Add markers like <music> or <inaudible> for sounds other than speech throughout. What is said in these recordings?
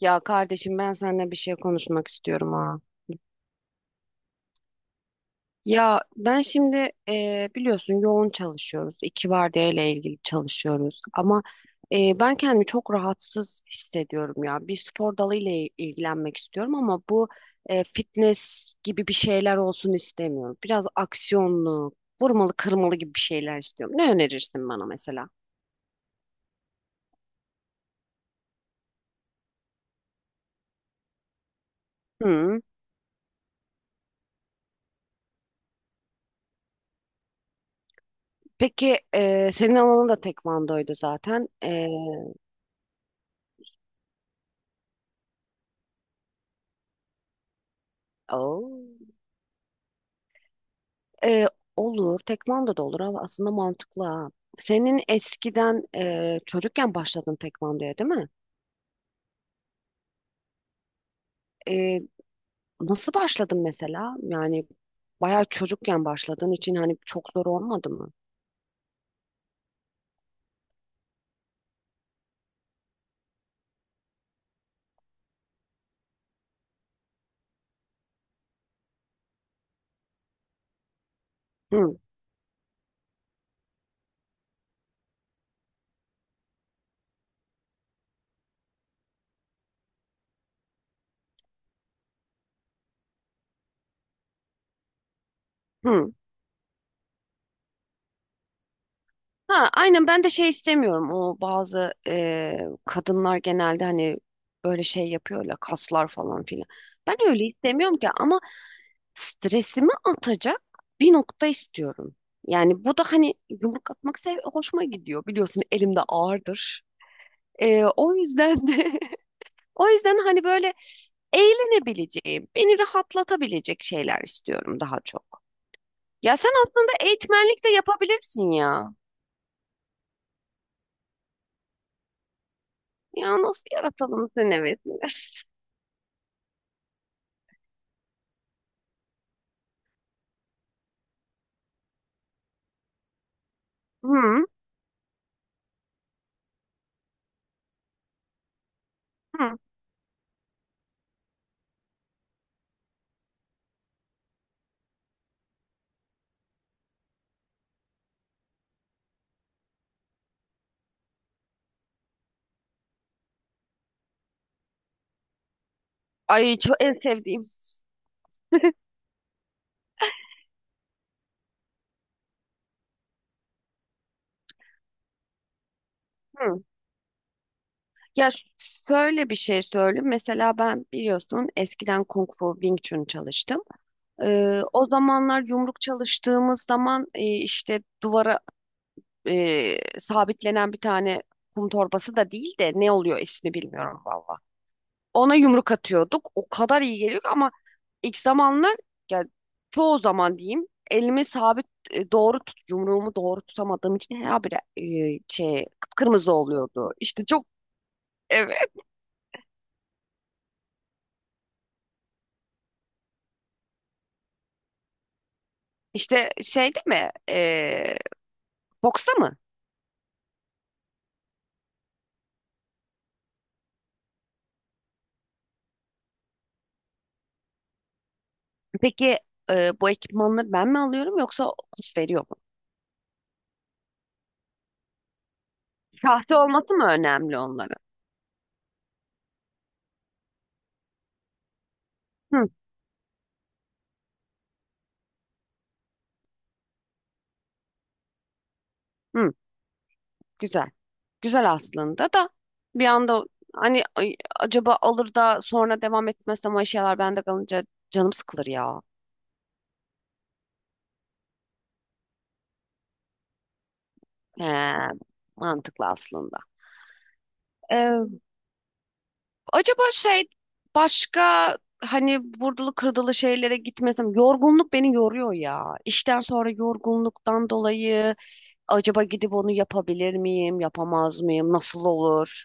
Ya kardeşim ben seninle bir şey konuşmak istiyorum ha. Ya ben şimdi biliyorsun yoğun çalışıyoruz. İki vardiya ile ilgili çalışıyoruz. Ama ben kendimi çok rahatsız hissediyorum ya. Bir spor dalı ile ilgilenmek istiyorum ama bu fitness gibi bir şeyler olsun istemiyorum. Biraz aksiyonlu, vurmalı kırmalı gibi bir şeyler istiyorum. Ne önerirsin bana mesela? Hı. Peki senin alanın da tekvandoydu zaten. Oo. Ee, olur. Tekvando da olur ama aslında mantıklı ha. Senin eskiden çocukken başladın tekvandoya değil mi? Ee, nasıl başladın mesela? Yani bayağı çocukken başladığın için hani çok zor olmadı mı? Hı, hı. Ha, aynen ben de şey istemiyorum. O bazı kadınlar genelde hani böyle şey yapıyorlar kaslar falan filan. Ben öyle istemiyorum ki ama stresimi atacak bir nokta istiyorum. Yani bu da hani yumruk atmak sev hoşuma gidiyor. Biliyorsun elimde ağırdır. O yüzden de <laughs> o yüzden hani böyle eğlenebileceğim, beni rahatlatabilecek şeyler istiyorum daha çok. Ya sen aslında eğitmenlik de yapabilirsin ya. Ya nasıl yaratalım senin hevesini? Hı, hı. Ay çok en sevdiğim. Hı. Ya şöyle bir şey söyleyeyim. Mesela ben biliyorsun eskiden Kung Fu Wing Chun çalıştım. O zamanlar yumruk çalıştığımız zaman işte duvara sabitlenen bir tane kum torbası da değil de ne oluyor ismi bilmiyorum valla. Ona yumruk atıyorduk. O kadar iyi geliyor ki ama ilk zamanlar ya çoğu zaman diyeyim elimi sabit doğru tut yumruğumu doğru tutamadığım için her bir şey kıpkırmızı oluyordu. İşte çok evet. İşte şey değil mi? Boksta mı? Peki bu ekipmanları ben mi alıyorum yoksa kurs veriyor mu? Sahte olması mı önemli onların? Hı, hı, güzel. Güzel aslında da bir anda hani ay, acaba alır da sonra devam etmezsem o şeyler bende kalınca canım sıkılır ya. He, mantıklı aslında. Ee, acaba şey başka hani vurdulu kırdılı şeylere gitmesem yorgunluk beni yoruyor ya. İşten sonra yorgunluktan dolayı acaba gidip onu yapabilir miyim, yapamaz mıyım, nasıl olur?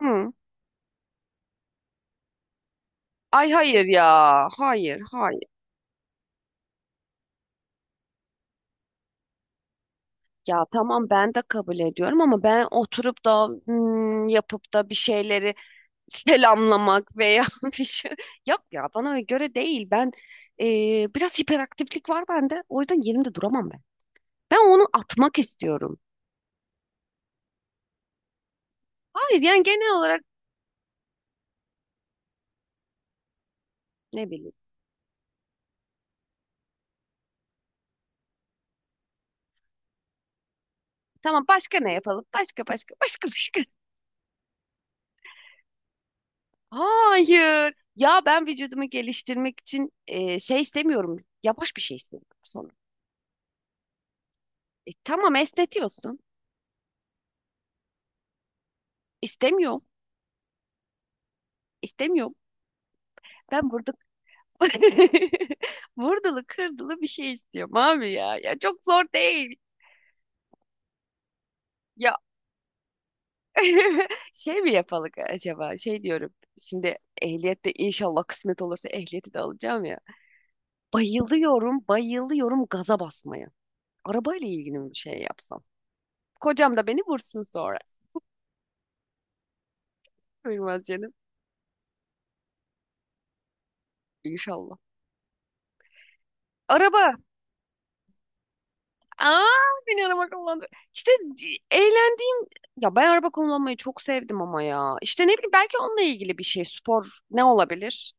Hı. Ay hayır ya. Hayır, hayır. Ya tamam ben de kabul ediyorum ama ben oturup da yapıp da bir şeyleri selamlamak veya <laughs> bir şey yok ya bana göre değil. Ben biraz hiperaktiflik var bende. O yüzden yerimde duramam ben. Ben onu atmak istiyorum. Hayır yani genel olarak ne bileyim. Tamam başka ne yapalım? Başka başka <laughs> başka başka. Hayır. Ya ben vücudumu geliştirmek için şey istemiyorum. Yavaş bir şey istiyorum sonra. E, tamam esnetiyorsun. İstemiyorum. İstemiyorum. Ben burada <laughs> vurdulu kırdılı bir şey istiyorum abi ya. Ya çok zor değil. Ya <laughs> şey mi yapalım acaba? Şey diyorum. Şimdi ehliyette inşallah kısmet olursa ehliyeti de alacağım ya. Bayılıyorum, bayılıyorum gaza basmaya. Arabayla ilgili bir şey yapsam. Kocam da beni vursun sonra. Buyurmaz canım. İnşallah. Araba. Aa, beni araba kullandı. İşte eğlendiğim ya ben araba kullanmayı çok sevdim ama ya. İşte ne bileyim belki onunla ilgili bir şey spor ne olabilir?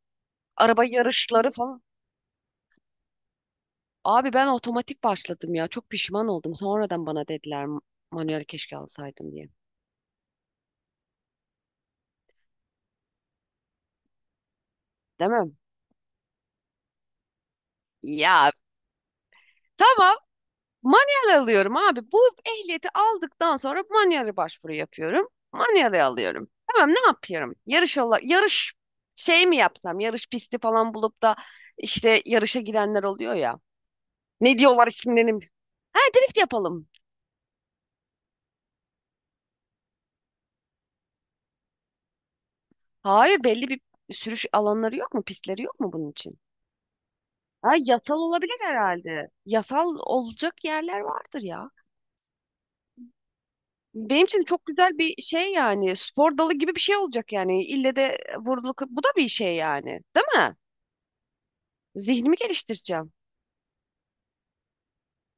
Araba yarışları falan. Abi ben otomatik başladım ya. Çok pişman oldum. Sonradan bana dediler manuel keşke alsaydım diye. Değil mi? Ya tamam Manuel alıyorum abi. Bu ehliyeti aldıktan sonra manuele başvuru yapıyorum. Manuele alıyorum. Tamam ne yapıyorum? Yarış şey mi yapsam? Yarış pisti falan bulup da işte yarışa girenler oluyor ya. Ne diyorlar kimlerim? Ha drift yapalım. Hayır belli bir sürüş alanları yok mu? Pistleri yok mu bunun için? Ha yasal olabilir herhalde. Yasal olacak yerler vardır ya. Benim için çok güzel bir şey yani. Spor dalı gibi bir şey olacak yani. İlle de vuruluk. Bu da bir şey yani. Değil mi? Zihnimi geliştireceğim.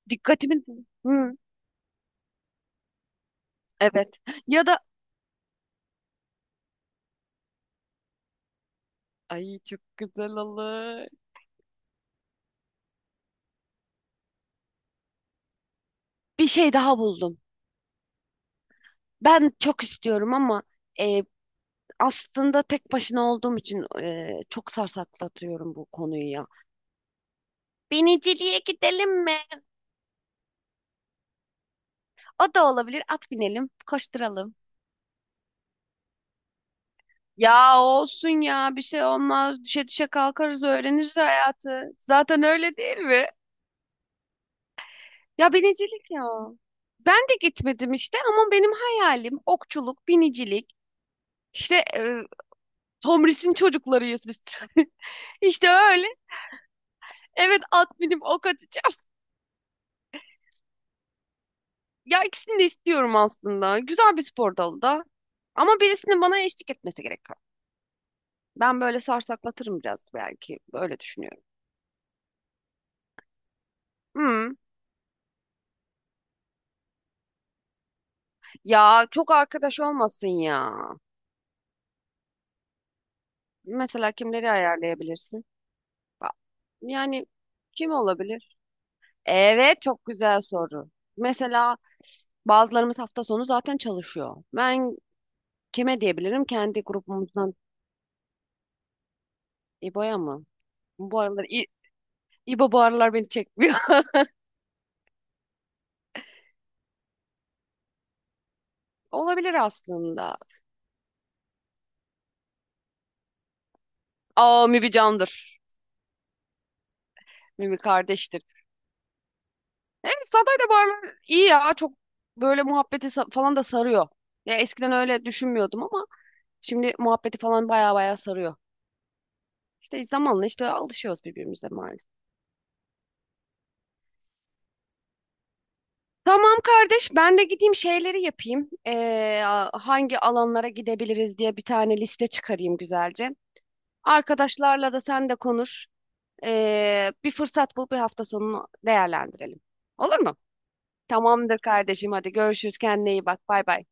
Dikkatimi... Hı, evet. Ya da... Ay çok güzel olur. Bir şey daha buldum. Ben çok istiyorum ama e, aslında tek başına olduğum için çok sarsaklatıyorum bu konuyu ya. Biniciliğe gidelim mi? O da olabilir. At binelim, koşturalım. Ya olsun ya bir şey olmaz. Düşe düşe kalkarız öğreniriz hayatı. Zaten öyle değil mi? Ya binicilik ya. Ben de gitmedim işte ama benim hayalim okçuluk, binicilik. İşte Tomris'in çocuklarıyız biz. <laughs> İşte öyle. Evet at binip ok atacağım. Ya ikisini de istiyorum aslında. Güzel bir spor dalı da. Ama birisinin bana eşlik etmesi gerekiyor. Ben böyle sarsaklatırım biraz belki. Böyle düşünüyorum. Hı. Ya çok arkadaş olmasın ya. Mesela kimleri ayarlayabilirsin? Ba- Yani kim olabilir? Evet, çok güzel soru. Mesela bazılarımız hafta sonu zaten çalışıyor. Ben kime diyebilirim? Kendi grubumuzdan İbo'ya mı? Bu aralar İbo bu aralar beni çekmiyor. <laughs> Olabilir aslında. Aa Mibi candır. Mibi kardeştir. Evet Saday da bu aralar iyi ya. Çok böyle falan da sarıyor. Ya eskiden öyle düşünmüyordum ama şimdi muhabbeti falan baya baya sarıyor. İşte zamanla işte alışıyoruz birbirimize maalesef. Tamam kardeş ben de gideyim şeyleri yapayım. Hangi alanlara gidebiliriz diye bir tane liste çıkarayım güzelce. Arkadaşlarla da sen de konuş. Bir fırsat bul bir hafta sonunu değerlendirelim. Olur mu? Tamamdır kardeşim hadi görüşürüz kendine iyi bak bay bay.